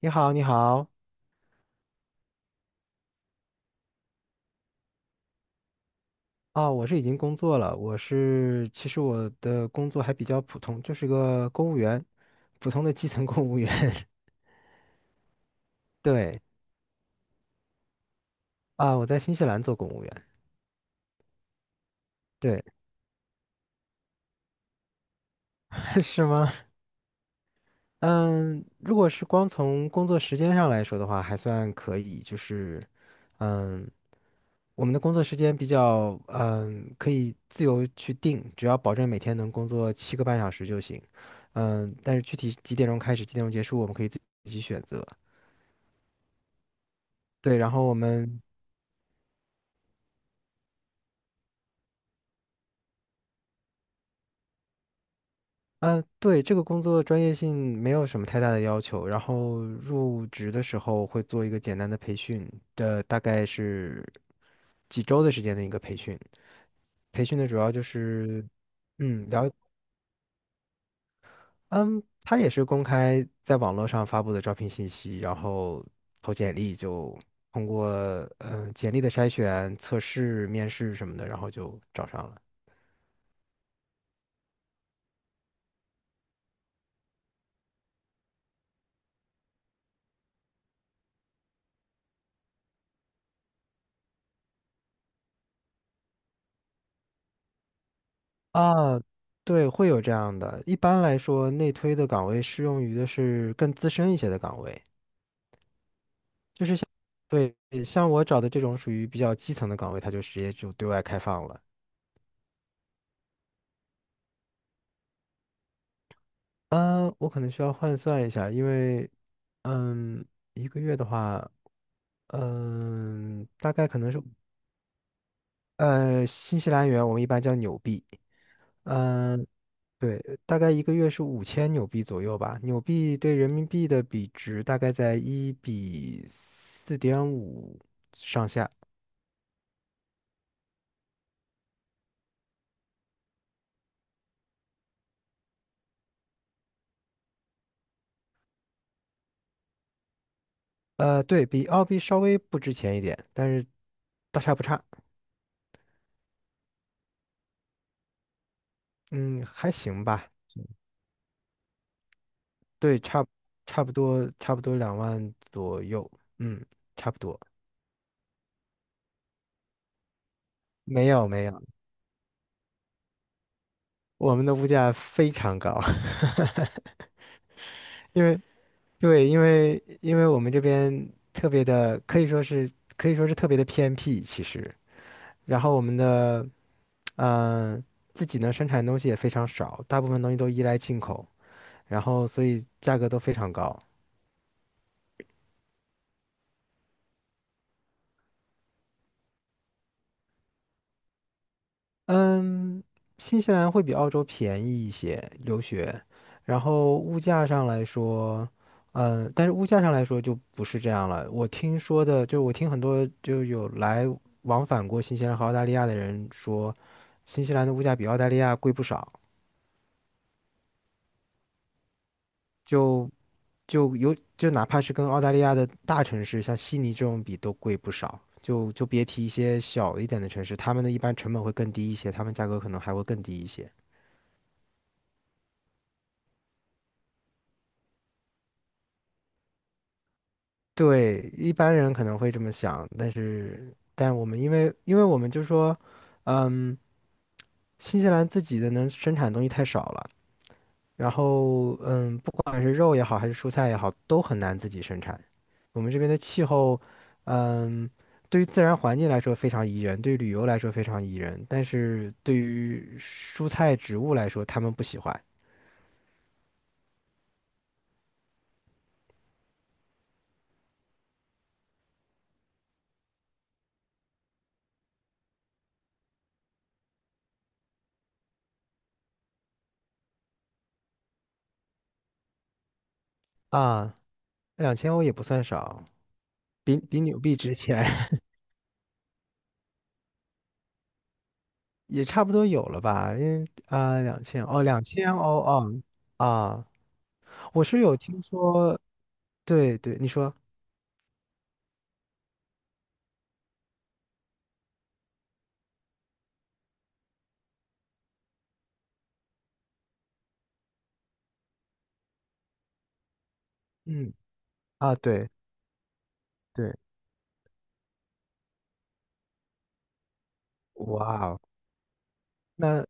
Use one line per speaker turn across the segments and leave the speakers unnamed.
你好，你好，哦，我是已经工作了，其实我的工作还比较普通，就是个公务员，普通的基层公务员。对，啊，我在新西兰做公务员。对，是吗？嗯，如果是光从工作时间上来说的话，还算可以，就是，嗯，我们的工作时间比较，可以自由去定，只要保证每天能工作7个半小时就行。但是具体几点钟开始，几点钟结束，我们可以自己选择。对，然后我们，嗯、对，这个工作专业性没有什么太大的要求，然后入职的时候会做一个简单的培训，这大概是几周的时间的一个培训。培训的主要就是，嗯，了，嗯，他也是公开在网络上发布的招聘信息，然后投简历就通过，简历的筛选、测试、面试什么的，然后就找上了。啊，对，会有这样的。一般来说，内推的岗位适用于的是更资深一些的岗位。对，像我找的这种属于比较基层的岗位，它就直接就对外开放了。嗯，我可能需要换算一下，因为，嗯，一个月的话，大概可能是，新西兰元我们一般叫纽币。嗯，对，大概一个月是5000纽币左右吧。纽币对人民币的比值大概在1:4.5上下。对，比澳币稍微不值钱一点，但是大差不差。嗯，还行吧。对，差不多2万左右。嗯，差不多。没有没有，我们的物价非常高，因为对，因为我们这边特别的，可以说是特别的偏僻，其实。然后我们的嗯、呃自己呢生产的东西也非常少，大部分东西都依赖进口，然后所以价格都非常高。嗯，新西兰会比澳洲便宜一些留学，然后物价上来说，但是物价上来说就不是这样了。我听说的，就是我听很多就有来往返过新西兰和澳大利亚的人说，新西兰的物价比澳大利亚贵不少，就就哪怕是跟澳大利亚的大城市，像悉尼这种比都贵不少，就别提一些小一点的城市，他们的一般成本会更低一些，他们价格可能还会更低一些。对，一般人可能会这么想，但我们因为我们就说，嗯，新西兰自己的能生产的东西太少了，然后，不管是肉也好，还是蔬菜也好，都很难自己生产。我们这边的气候，嗯，对于自然环境来说非常宜人，对于旅游来说非常宜人，但是对于蔬菜植物来说，他们不喜欢啊。两千欧也不算少，比纽币值钱。也差不多有了吧？因为啊，两千欧哦啊，我是有听说，对对，你说，嗯啊，对对，哇哦，那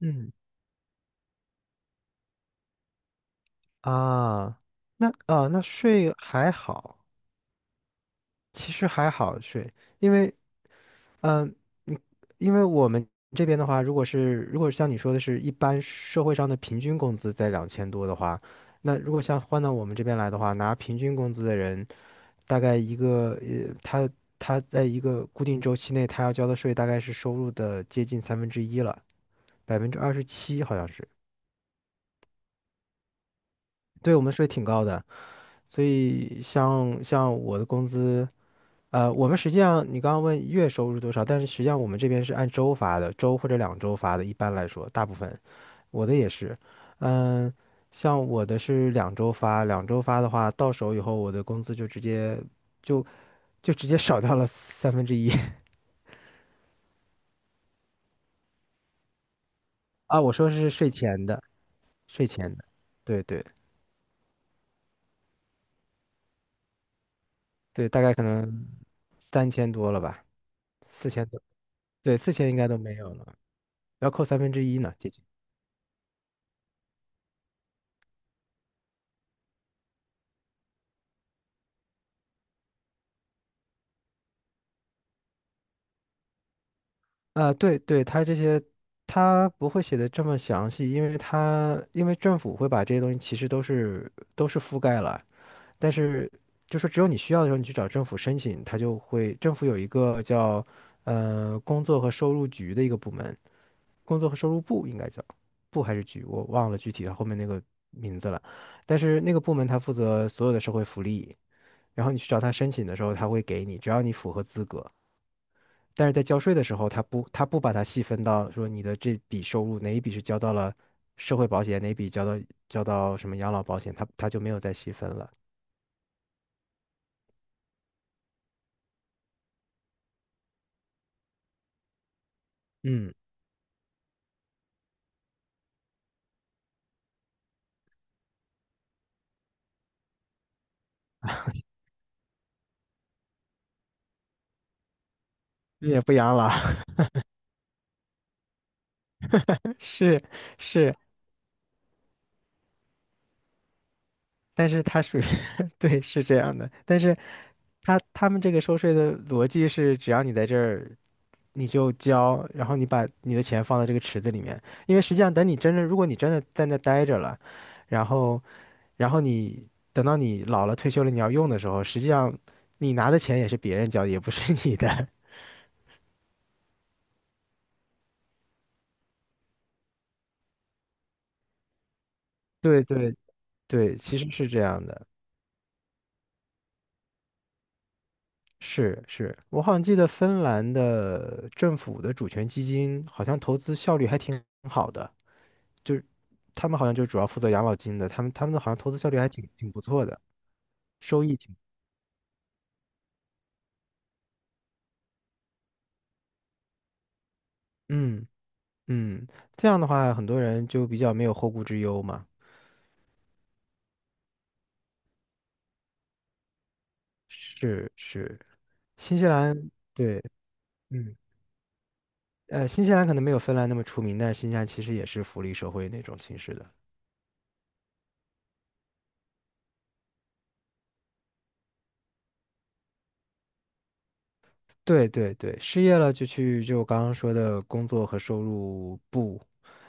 嗯啊，那啊那税还好，其实还好税，因为嗯，你我们这边的话，如果是如果像你说的是一般社会上的平均工资在2000多的话，那如果像换到我们这边来的话，拿平均工资的人。大概一个他在一个固定周期内，他要交的税大概是收入的接近三分之一了，27%好像是。对我们税挺高的，所以像我的工资，我们实际上你刚刚问月收入多少，但是实际上我们这边是按周发的，周或者两周发的，一般来说，大部分我的也是，嗯、像我的是两周发，两周发的话，到手以后我的工资就就直接少掉了三分之一。啊，我说是税前的，税前的，对对对，大概可能3000多了吧，4000多，对，四千应该都没有了，要扣三分之一呢，接近。啊，对对，他这些他不会写的这么详细，因为政府会把这些东西其实都是覆盖了，但是就是只有你需要的时候，你去找政府申请，他就会政府有一个叫工作和收入局的一个部门，工作和收入部应该叫部还是局，我忘了具体的后面那个名字了。但是那个部门它负责所有的社会福利，然后你去找他申请的时候，他会给你，只要你符合资格。但是在交税的时候，他不把它细分到说你的这笔收入哪一笔是交到了社会保险，哪一笔交到交到什么养老保险，他他就没有再细分了。嗯，你也不养老，是是。但是它属于 对，是这样的。但是他们这个收税的逻辑是，只要你在这儿你就交，然后你把你的钱放在这个池子里面，因为实际上等你真正，如果你真的在那待着了，然后你等到你老了退休了你要用的时候，实际上你拿的钱也是别人交的，也不是你的。对对对，其实是这样的。是是，我好像记得芬兰的政府的主权基金好像投资效率还挺好的，就是他们好像就主要负责养老金的，他们的好像投资效率还挺不错的，收益挺，嗯。嗯，这样的话，很多人就比较没有后顾之忧嘛。是是，新西兰对，嗯，呃，新西兰可能没有芬兰那么出名，但是新西兰其实也是福利社会那种形式的。对对对，失业了就去就我刚刚说的工作和收入部，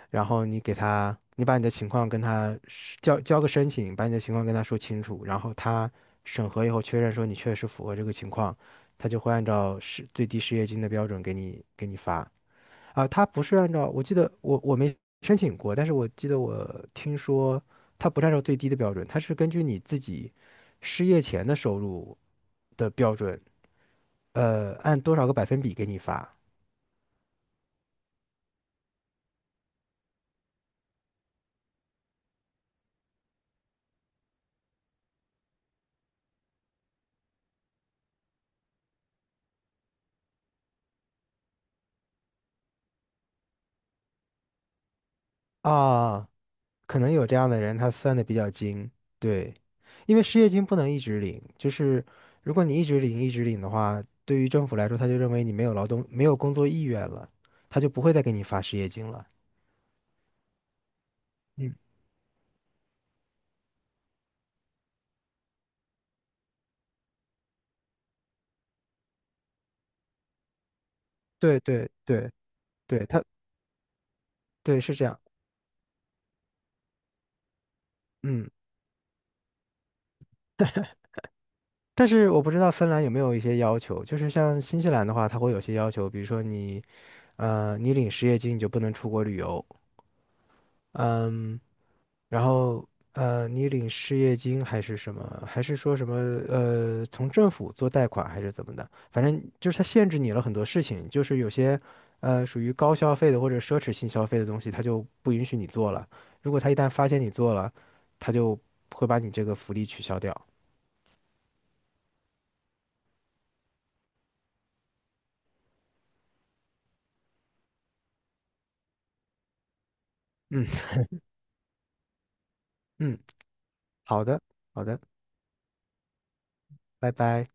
然后你给他，你把你的情况跟他交个申请，把你的情况跟他说清楚，然后他审核以后确认说你确实符合这个情况，他就会按照最低失业金的标准给你发。啊，他不是按照，我记得我没申请过，但是我记得我听说他不是按照最低的标准，他是根据你自己失业前的收入的标准，按多少个百分比给你发啊，可能有这样的人，他算的比较精，对，因为失业金不能一直领，就是如果你一直领一直领的话，对于政府来说，他就认为你没有劳动没有工作意愿了，他就不会再给你发失业金了。嗯，对对对对，对是这样。嗯。但是我不知道芬兰有没有一些要求，就是像新西兰的话，它会有些要求，比如说你，你领失业金你就不能出国旅游，嗯，然后，你领失业金还是什么，还是说什么，从政府做贷款还是怎么的，反正就是它限制你了很多事情，就是有些，属于高消费的或者奢侈性消费的东西，它就不允许你做了。如果他一旦发现你做了，他就会把你这个福利取消掉。嗯 嗯，好的好的，拜拜。